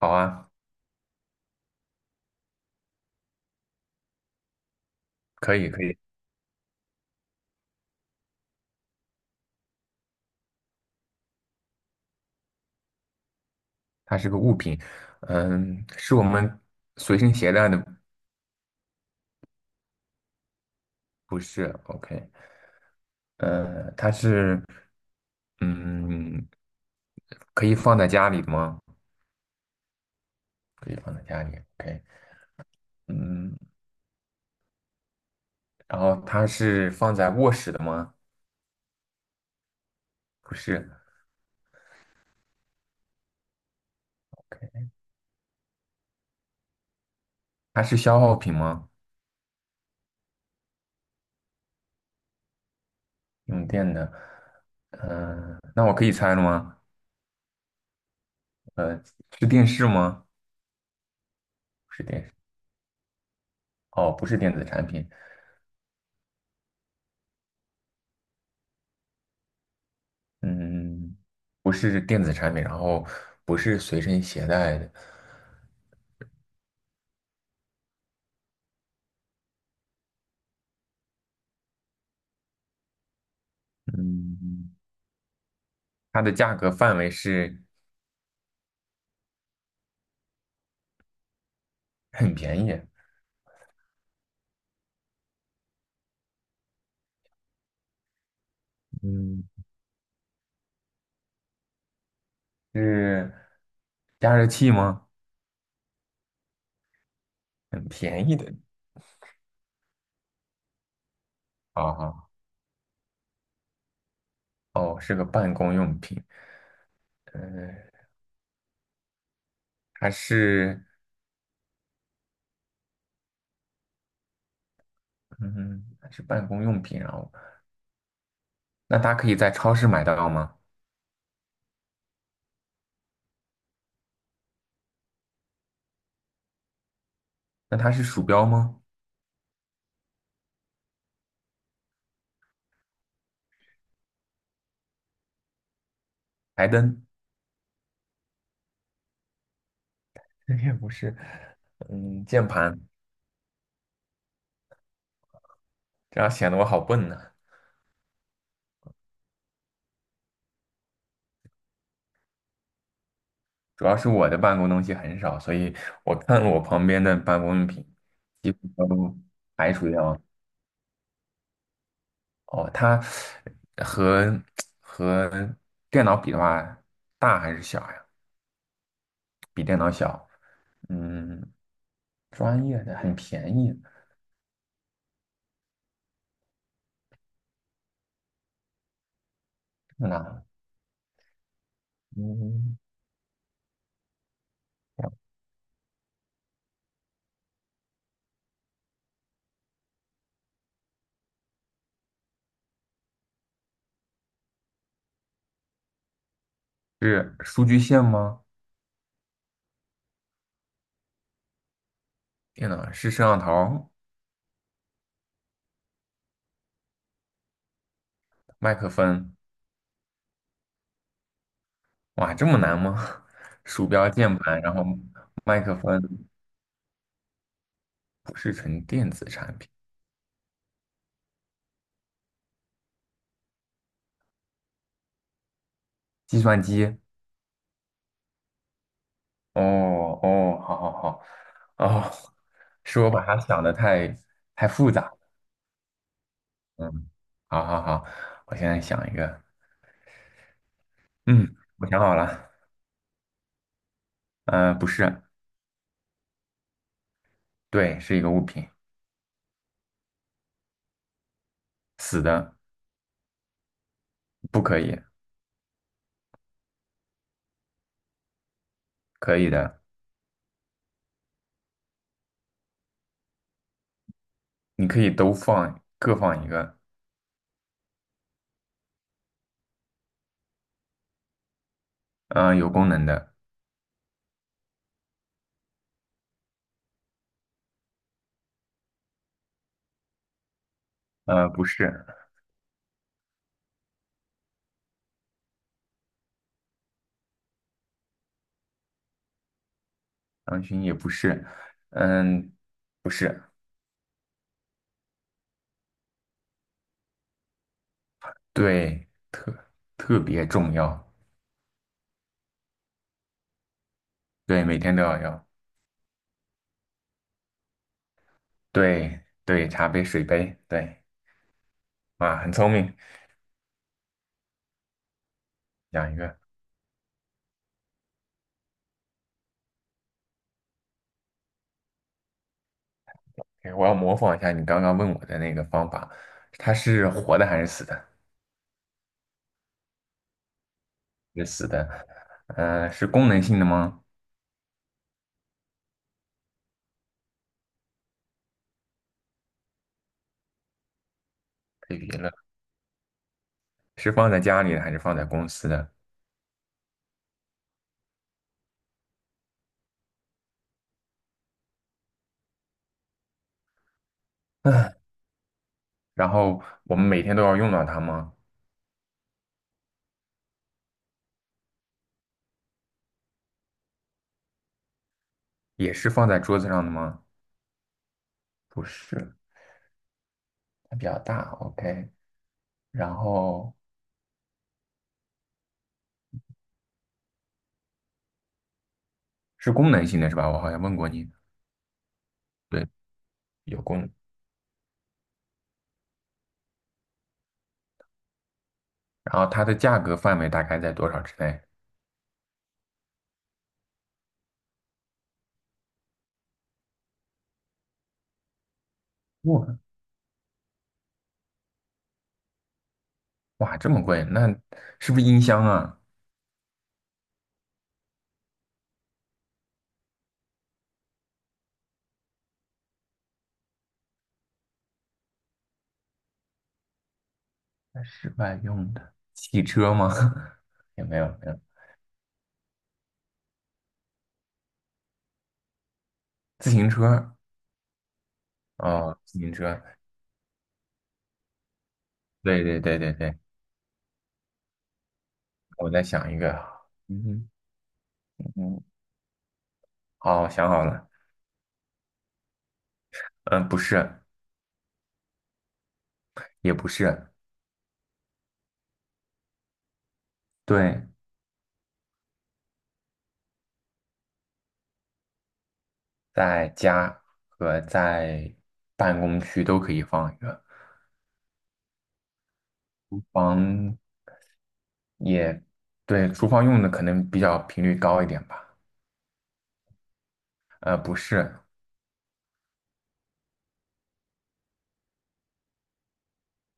好啊，可以可以，它是个物品，是我们随身携带的，不是？OK，它是，嗯，可以放在家里的吗？可以放在家里，OK，嗯，然后它是放在卧室的吗？不是，OK，它是消耗品吗？用电的，那我可以猜了吗？呃，是电视吗？不是电视，哦，不是电子产品，嗯，不是电子产品，然后不是随身携带的，嗯，它的价格范围是很便宜，嗯，是加热器吗？很便宜的，啊哈，哦，是个办公用品，嗯，还是，嗯，它是办公用品，然后那它可以在超市买到吗？那它是鼠标吗？台灯？这也不是，嗯，键盘，这样显得我好笨呢。主要是我的办公东西很少，所以我看我旁边的办公用品，几乎都哦，它和和电脑比的话，大还是小呀？比电脑小。嗯，专业的很便宜，那嗯是数据线吗？电脑是摄像头、麦克风，哇，这么难吗？鼠标、键盘，然后麦克风不是纯电子产品，计算机。哦哦，好好好，哦，是我把它想的太复杂了，嗯，好好好，我现在想一个，嗯，我想好了，嗯、不是，对，是一个物品，死的，不可以，可以的，你可以都放，各放一个，嗯、有功能的，不是，狼群也不是，嗯，不是，对，特别重要，对，每天都要要，对对，茶杯、水杯，对。啊，很聪明，养鱼。OK，我要模仿一下你刚刚问我的那个方法，它是活的还是死的？是死的。是功能性的吗？太别了，是放在家里的还是放在公司的？然后我们每天都要用到它吗？也是放在桌子上的吗？不是，它比较大。OK，然后是功能性的是吧？我好像问过你，对，有功能然后它的价格范围大概在多少之内？哇哇，这么贵，那是不是音箱啊？在室外用的汽车吗？也没有没有，自行车哦，自行车，对对对对对，我在想一个，嗯嗯，哦，想好了，嗯，不是，也不是，对，在家和在办公区都可以放一个，房也对，厨房用的可能比较频率高一点吧，不是，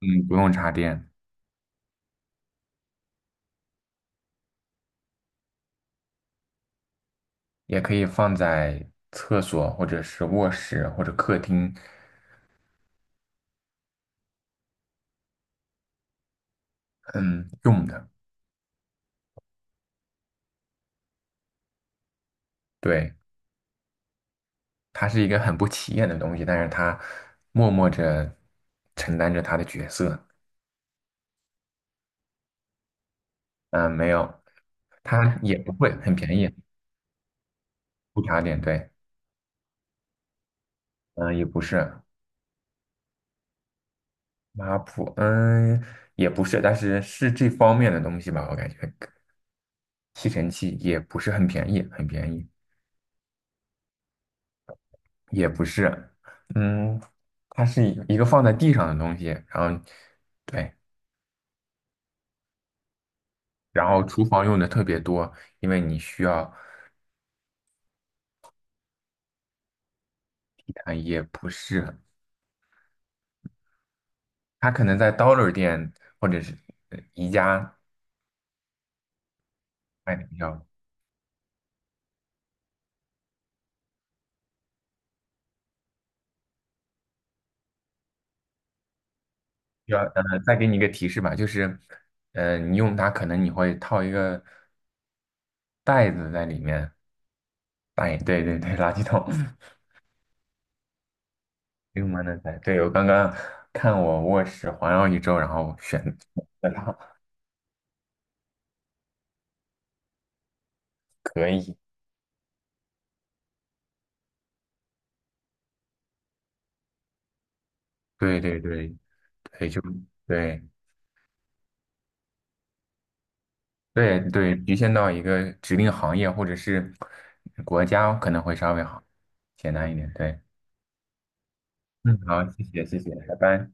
嗯，不用插电，也可以放在厕所或者是卧室或者客厅。嗯，用的，对，它是一个很不起眼的东西，但是它默默着承担着它的角色。嗯，没有，它也不贵，很便宜，不差点，对，嗯，也不是抹布，嗯，也不是，但是是这方面的东西吧，我感觉吸尘器也不是很便宜，很便宜，也不是，嗯，它是一个放在地上的东西，然后对，然后厨房用的特别多，因为你需要。啊，也不是，他可能在 Dollar 店或者是宜家卖的比较。要再给你一个提示吧，就是，你用它可能你会套一个袋子在里面，袋，对对对，垃圾桶，用完的袋。对，我刚刚看我卧室环绕一周，然后选的它，可以。对对对对，就对对对，局限到一个指定行业或者是国家可能会稍微好简单一点，对。嗯，好，谢谢，拜拜。